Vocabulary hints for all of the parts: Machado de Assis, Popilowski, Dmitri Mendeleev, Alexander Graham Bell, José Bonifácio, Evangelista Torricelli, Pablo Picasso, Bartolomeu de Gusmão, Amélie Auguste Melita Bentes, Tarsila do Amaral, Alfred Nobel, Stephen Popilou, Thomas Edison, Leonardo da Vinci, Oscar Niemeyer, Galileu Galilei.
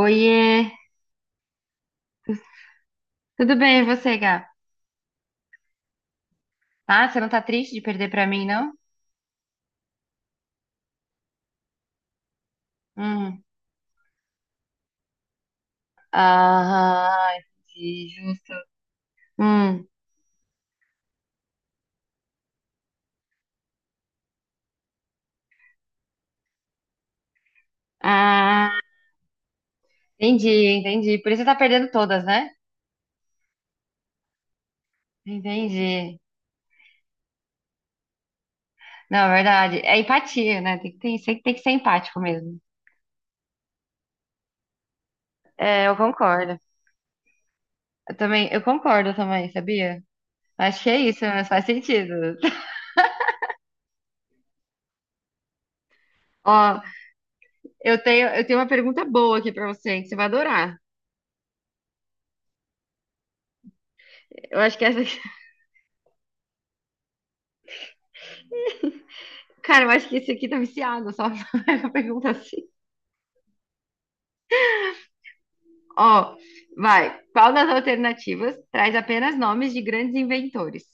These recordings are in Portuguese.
Oiê, tudo bem e você, Gá? Ah, você não tá triste de perder pra mim, não? Hum. Ah, entendi, justo. Hum. Ah, entendi, entendi. Por isso você tá perdendo todas, né? Entendi. Não, é verdade. É empatia, né? Tem que ter, sempre tem que ser empático mesmo. É, eu concordo. Eu também, eu concordo também, sabia? Acho que é isso, mas faz sentido. Ó, eu tenho uma pergunta boa aqui pra você, que você vai adorar. Eu acho que essa Cara, eu acho que esse aqui tá viciado, só a pergunta assim. Ó, vai. Qual das alternativas traz apenas nomes de grandes inventores?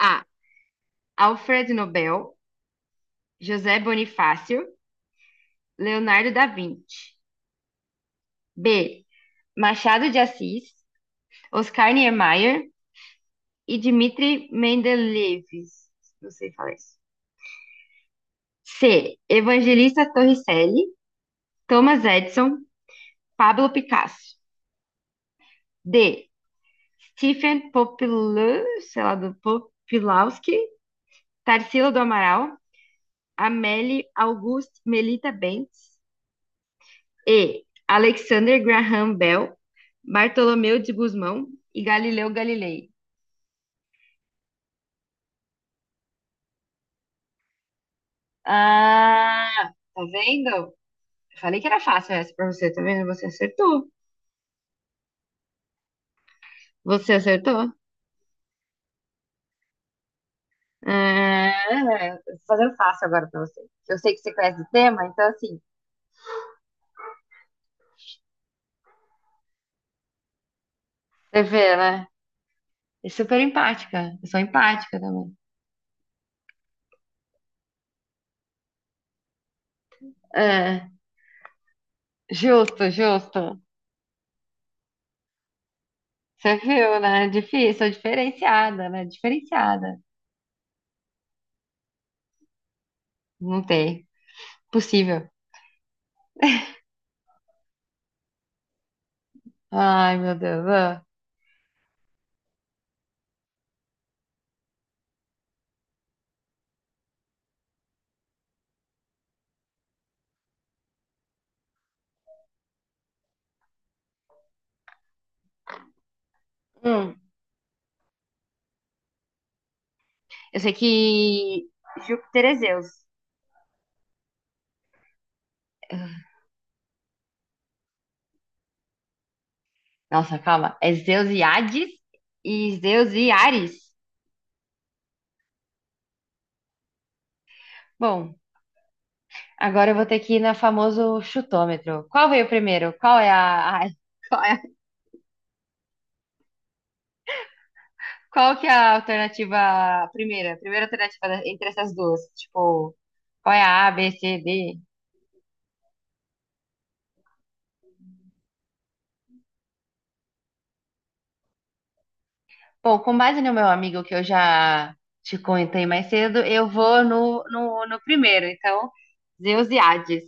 A. Alfred Nobel, José Bonifácio, Leonardo da Vinci. B. Machado de Assis, Oscar Niemeyer e Dmitri Mendeleev. Não sei falar isso. C. Evangelista Torricelli, Thomas Edison, Pablo Picasso. D. Stephen Popilou, sei lá, do Popilowski, Tarsila do Amaral, Amélie Auguste Melita Bentes e Alexander Graham Bell, Bartolomeu de Gusmão e Galileu Galilei. Ah, tá vendo? Falei que era fácil essa pra você, tá vendo? Você acertou. Você acertou? Ah, eu tô fazendo fácil agora pra você. Eu sei que você conhece o tema, então assim, você vê, né? É super empática. Eu sou empática também. É. Justo, justo. Você viu, né? Difícil, sou diferenciada, né? Diferenciada. Não tem. Possível. Ai, meu Deus. Ah. Hum, eu sei que Júpiter é Zeus. Nossa, calma. É Zeus e Hades e Zeus e Ares. Bom, agora eu vou ter que ir na famoso chutômetro. Qual veio primeiro? Qual é a... ai, qual é... Qual que é a alternativa primeira? Primeira alternativa da- entre essas duas. Tipo, qual é a A, B, C, D? Bom, com base no meu amigo que eu já te contei mais cedo, eu vou no primeiro. Então, Zeus e Hades.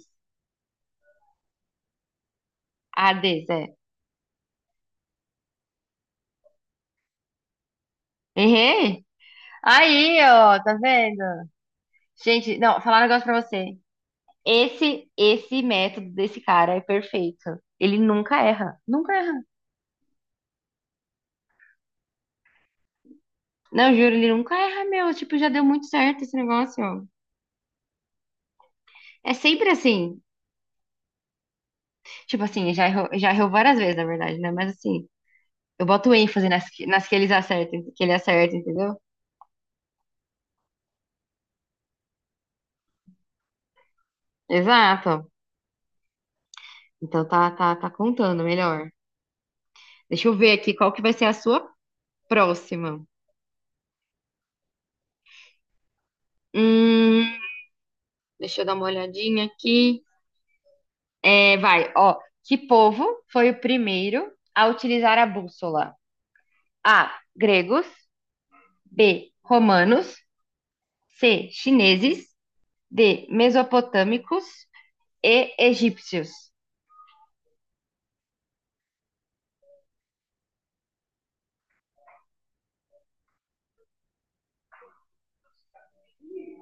Hades, é. Errei? Aí, ó, tá vendo? Gente, não, falar um negócio pra você. Esse método desse cara é perfeito. Ele nunca erra. Nunca erra. Não, juro, ele nunca erra, meu. Tipo, já deu muito certo esse negócio. É sempre assim. Tipo assim, já errou várias vezes, na verdade, né? Mas assim, eu boto ênfase nas que eles acertam, que ele acerta, entendeu? Exato. Então tá contando melhor. Deixa eu ver aqui qual que vai ser a sua próxima. Hum, deixa eu dar uma olhadinha aqui. É, vai, ó. Que povo foi o primeiro a utilizar a bússola? A. Gregos. B. Romanos. C. Chineses. D. Mesopotâmicos. E. Egípcios.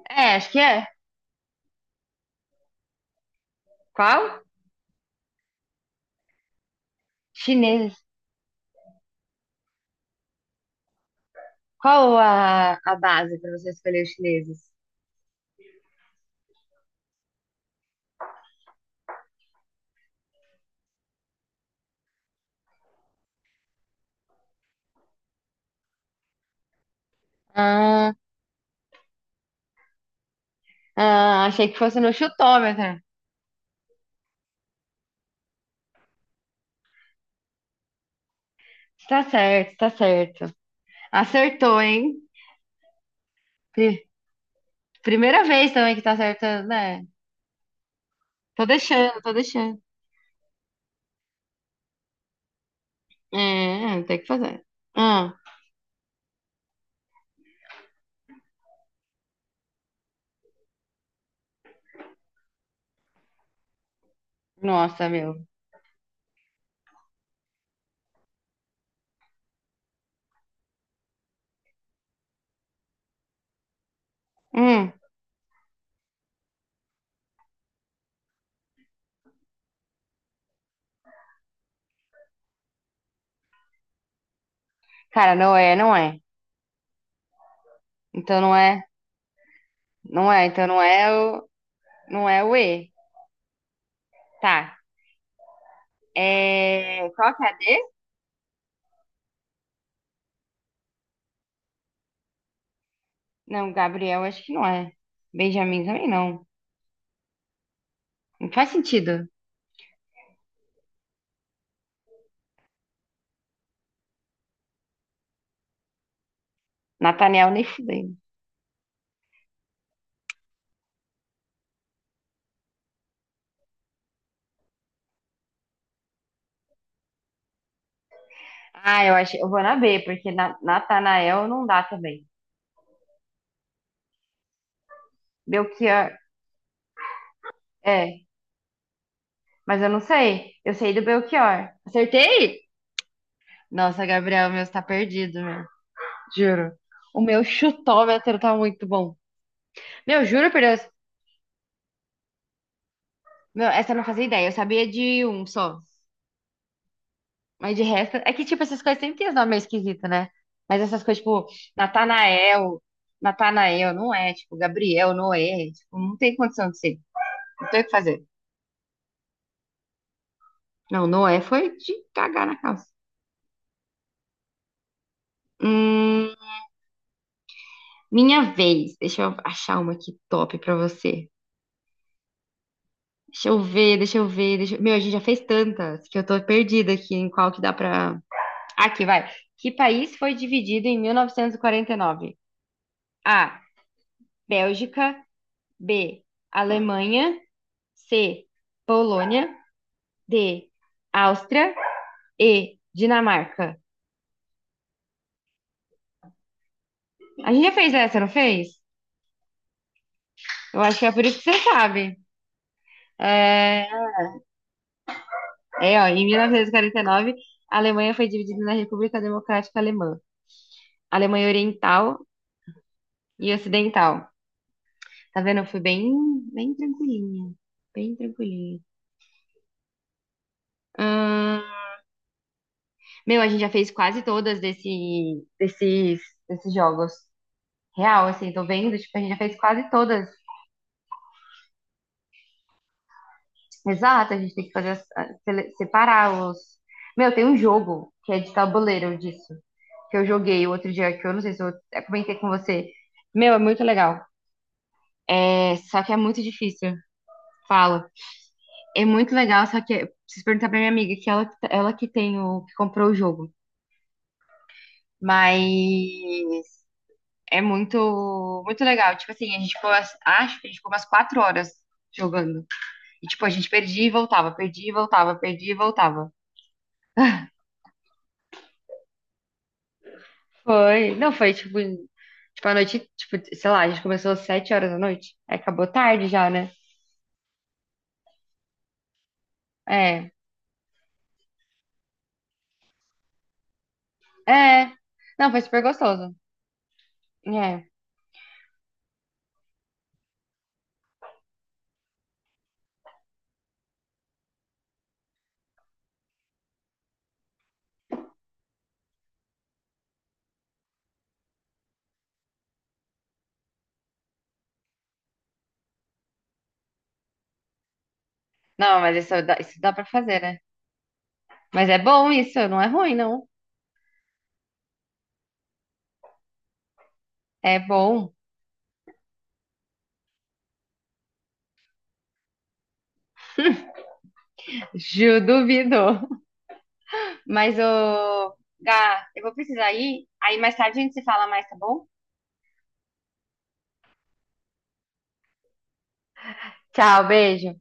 É, acho que é. Qual? Chineses. Qual a base para você escolher os chineses? Ah. Ah, achei que fosse no chutômetro. Tá certo, tá certo. Acertou, hein? Pri- Primeira vez também que tá acertando, né? Tô deixando, tô deixando. Tem que fazer. Hum, nossa, meu. Hum, cara, não é, não é. Então não é, não é, então não é o, não é o E. Tá. É, qual que é a D? Não, Gabriel, acho que não é. Benjamin também não. Não faz sentido. Nathaniel nem fudei. Ah, eu acho, eu vou na B, porque na, Natanael não dá também. Belchior, é, mas eu não sei. Eu sei do Belchior. Acertei? Nossa, Gabriel, o meu está perdido, meu. Juro. O meu chutômetro tá muito bom. Meu, juro por Deus. Meu, essa eu não fazia ideia. Eu sabia de um só. Mas de resto. É que, tipo, essas coisas sempre tem os nomes meio esquisitos, né? Mas essas coisas, tipo, Natanael, Natanael, não é. Tipo, Gabriel, Noé. Tipo, não tem condição de ser. Não tem o que fazer. Não, Noé foi de cagar na calça. Hum, minha vez. Deixa eu achar uma aqui top pra você. Deixa... eu- Meu, a gente já fez tantas que eu tô perdida aqui em qual que dá pra... Aqui, vai. Que país foi dividido em 1949? A. Bélgica. B. Alemanha. C. Polônia. D. Áustria. E. Dinamarca. A gente já fez essa, não fez? Eu acho que é por isso que você sabe. É, É, ó, em 1949, a Alemanha foi dividida na República Democrática Alemã. Alemanha Oriental e Ocidental. Tá vendo? Fui bem, bem tranquilinha. Bem tranquilinha. Ahn, meu, a gente já fez quase todas desses, desses jogos. Real, assim, tô vendo, tipo, a gente já fez quase todas. Exato, a gente tem que fazer, as- a- sele- separar os... Meu, tem um jogo que é de tabuleiro disso, que eu joguei o outro dia, que eu não sei se eu até comentei com você. Meu, é muito legal. É, só que é muito difícil. Fala. É muito legal, só que eu preciso perguntar pra minha amiga, que ela que tem o, que comprou o jogo. Mas é muito, muito legal. Tipo assim, a gente ficou, as- acho que a gente ficou umas 4 horas jogando. E tipo, a gente perdia e voltava, perdia e voltava, perdia e voltava. Foi. Não, foi tipo. Em- tipo, a noite, tipo, sei lá, a gente começou às 7 horas da noite. Aí acabou tarde já, né? É. É. Não, foi super gostoso. É. Não, mas isso dá pra fazer, né? Mas é bom isso, não é ruim, não. É bom. Ju, duvido. Mas, ô, Gá, eu vou precisar ir. Aí mais tarde a gente se fala mais, tá bom? Tchau, beijo.